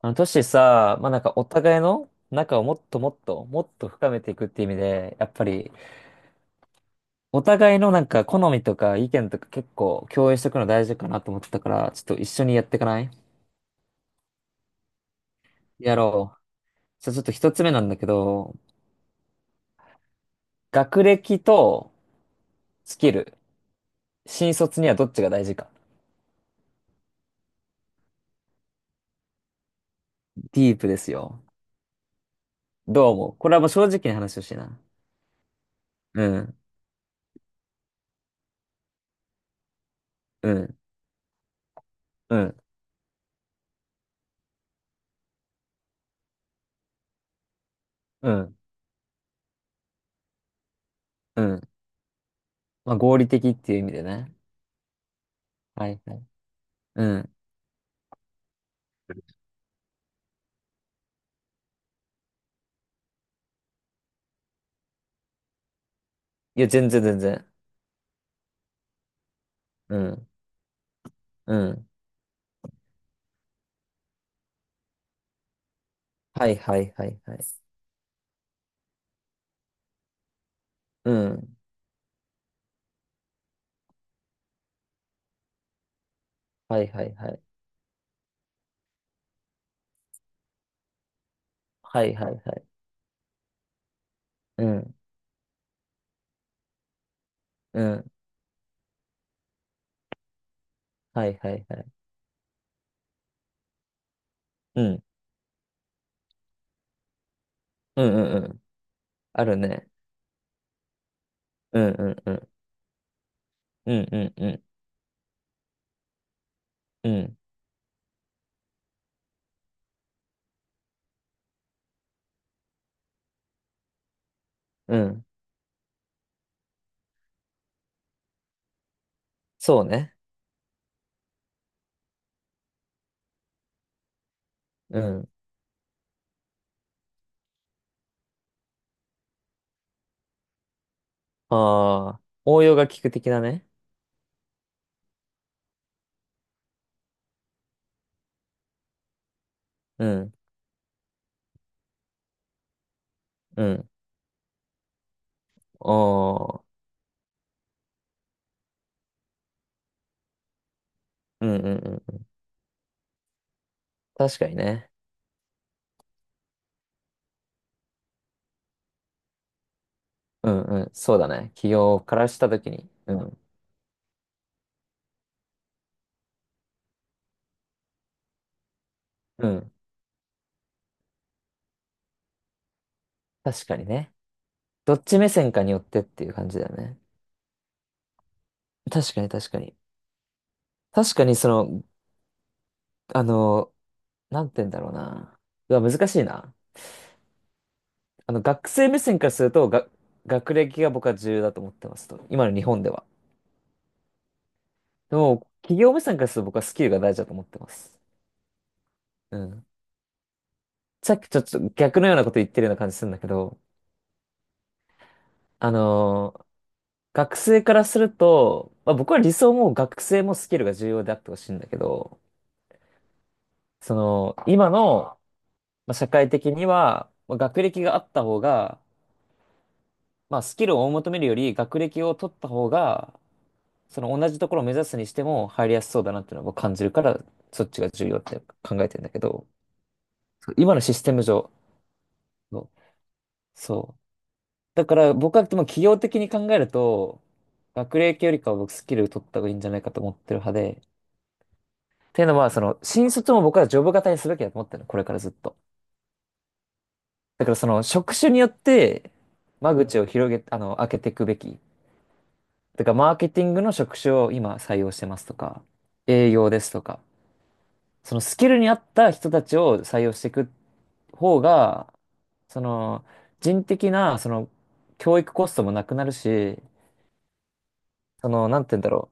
トシさ、お互いの仲をもっと深めていくっていう意味で、やっぱり、お互いの好みとか意見とか結構共有しておくの大事かなと思ってたから、ちょっと一緒にやっていかない？やろう。じゃあちょっと一つ目なんだけど、学歴とスキル、新卒にはどっちが大事か。ディープですよ。どう思う？これはもう正直に話をしてな。うん、うん、うん、うん、うん。まあ合理的っていう意味でね。はい、はい。うん。いや、全然。うん。うん。はいはいはいはい。うん。はいはいはい。はいはいはい。うん。うん。はいはいはい。うん。うんうんうん。あるね。うんうんうん。うんうんうん。うん。うん。そうね。うん。ああ。応用が効く的なね。うん。うん。ああ。うんうんうん。確かにね。うんうん。そうだね。起業からしたときに。うん。うん。確かにね。どっち目線かによってっていう感じだよね。確かに確かに。確かにその、あの、なんて言うんだろうな。うわ、難しいな。学生目線からすると、学歴が僕は重要だと思ってますと。今の日本では。でも、企業目線からすると僕はスキルが大事だと思ってます。うん。さっきちょっと逆のようなこと言ってるような感じするんだけど、あのー学生からすると、まあ、僕は理想も学生もスキルが重要であってほしいんだけど、その、今の、まあ、社会的には、まあ、学歴があった方が、まあ、スキルを追い求めるより学歴を取った方が、その同じところを目指すにしても入りやすそうだなっていうのを僕感じるから、そっちが重要って考えてんだけど、そう今のシステム上、そう。そうだから僕はでも企業的に考えると、学歴よりかは僕スキル取った方がいいんじゃないかと思ってる派で、っていうのは、その、新卒も僕はジョブ型にすべきだと思ってるの、これからずっと。だからその、職種によって、間口を広げ、あの、開けていくべき。だから、マーケティングの職種を今採用してますとか、営業ですとか、そのスキルに合った人たちを採用していくっ方が、その、人的な、その、教育コストもなくなるし、その、なんて言うんだろ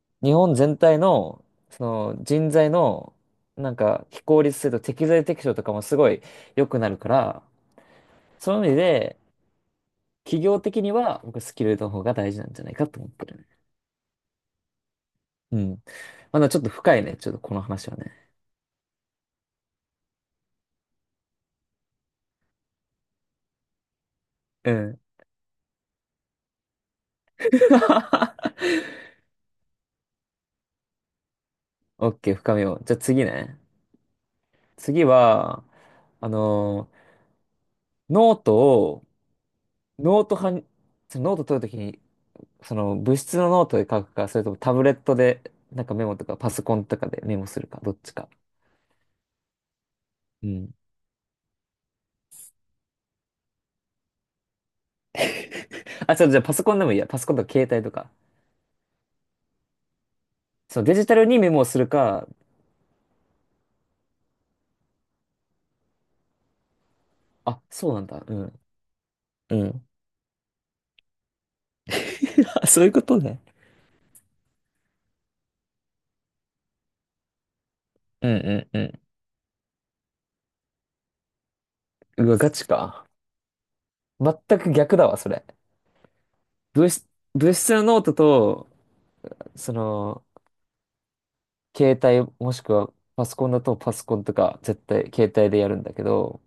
う。日本全体の、そ人材の、非効率性と適材適所とかもすごい良くなるから、そういう意味で、企業的には、僕、スキルの方が大事なんじゃないかと思ってるね。うん。まだちょっと深いね。ちょっとこの話はね。うん。オッケー、深みを。じゃあ次ね。次は、あの、ノートをノート派に、そのノート取るときに、その物質のノートで書くか、それともタブレットで、メモとか、パソコンとかでメモするか、どっちか？うん。あ、ちょっとじゃあパソコンでもいいや。パソコンとか携帯とか。そのデジタルにメモをするか。あ、そうなんだ。うん。うん。あ、そういうことね。うんうんうん。うわ、ガチか。全く逆だわ、それ。物質、物質のノートと、その、携帯もしくはパソコンだとパソコンとか、絶対携帯でやるんだけど、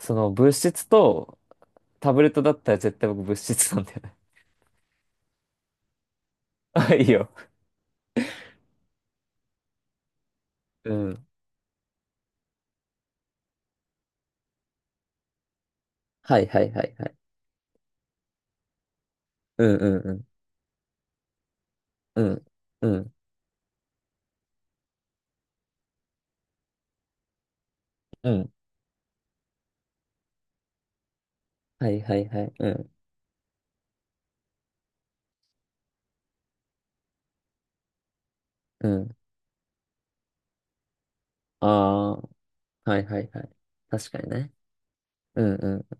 その物質と、タブレットだったら絶対僕物質なんだよね。あ、いいよ。うん。はいはいはいはい。うんうんうん。うん。うん。はいはいはい。うん。うん。ああ。はいはいはい。確かにね。うんうん。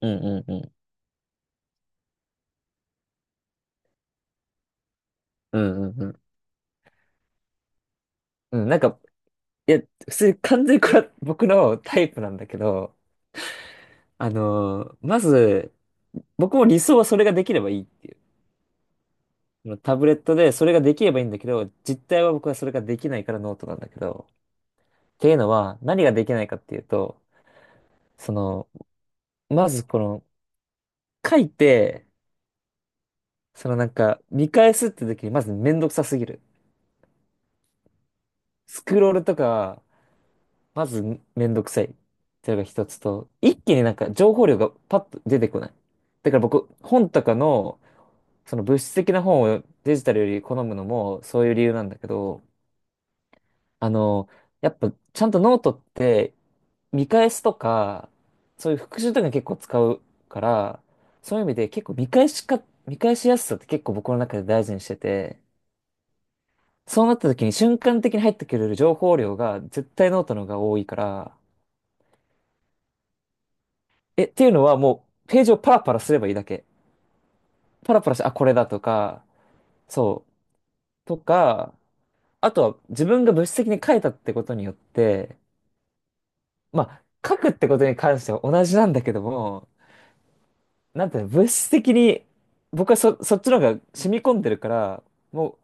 うんうんうん。うんうんうん、うん、いや、普通に完全にこれは僕のタイプなんだけど、まず、僕も理想はそれができればいいっていう。そのタブレットでそれができればいいんだけど、実態は僕はそれができないからノートなんだけど、っていうのは、何ができないかっていうと、その、まずこの、書いて、見返すって時に、まずめんどくさすぎる。スクロールとか、まずめんどくさい。っていうのが一つと、一気に情報量がパッと出てこない。だから僕、本とかの、その物質的な本をデジタルより好むのも、そういう理由なんだけど、あの、やっぱちゃんとノートって見返すとか、そういう復習とかに結構使うから、そういう意味で結構見返しやすさって結構僕の中で大事にしてて、そうなった時に瞬間的に入ってくれる情報量が絶対ノートの方が多いから、え、っていうのはもうページをパラパラすればいいだけ。パラパラして、あ、これだとか、そう、とか、あとは自分が物質的に書いたってことによって、まあ、書くってことに関しては同じなんだけども、なんていうの、物質的に、僕はそ、そっちの方が染み込んでるから、もう、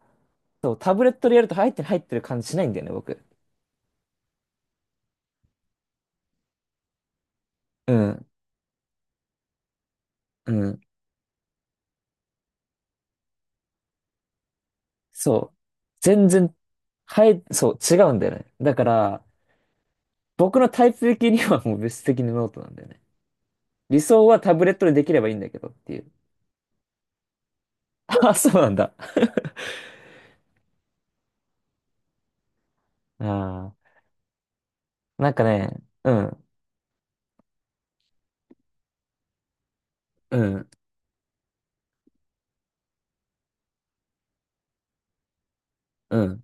そう、タブレットでやると入ってる感じしないんだよね、僕。うん、うん。そう。全然、はい、そう、違うんだよね。だから、僕のタイプ的にはもう物質的にノートなんだよね。理想はタブレットでできればいいんだけどっていう。あ、そうなんだ。ああ、なんかね、うん、うん、うん、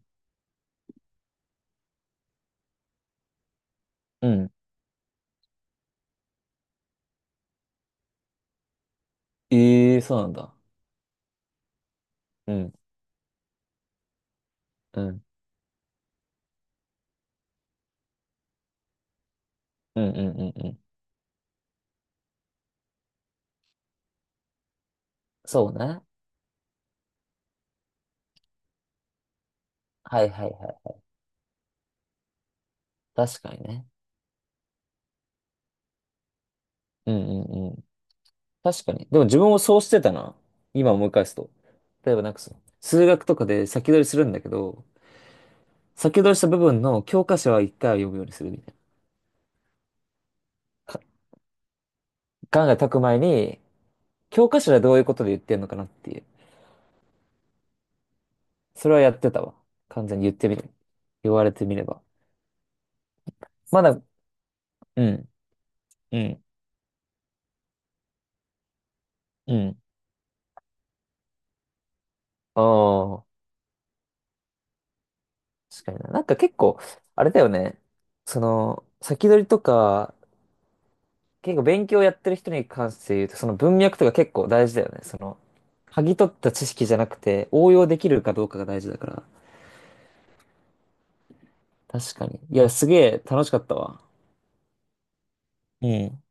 うん。ええ、そうなんだ。うん、うん、うん、うん、うん。うん、そうね。はいはいはい。確かにね。うんうんうん。確かに。でも自分もそうしてたな。今思い返すと。例えばなんかその、数学とかで先取りするんだけど、先取りした部分の教科書は一回は読むようにするみたいな。考え解く前に、教科書ではどういうことで言ってんのかなっていう。それはやってたわ。完全に言ってみる。言われてみれば。まだ、うん、うん、うん。ああ、確かにな。結構、あれだよね。その、先取りとか、結構勉強やってる人に関して言うと、その文脈とか結構大事だよね。その、剥ぎ取った知識じゃなくて、応用できるかどうかが大事だから。確かに。いや、すげえ楽しかったわ。うん。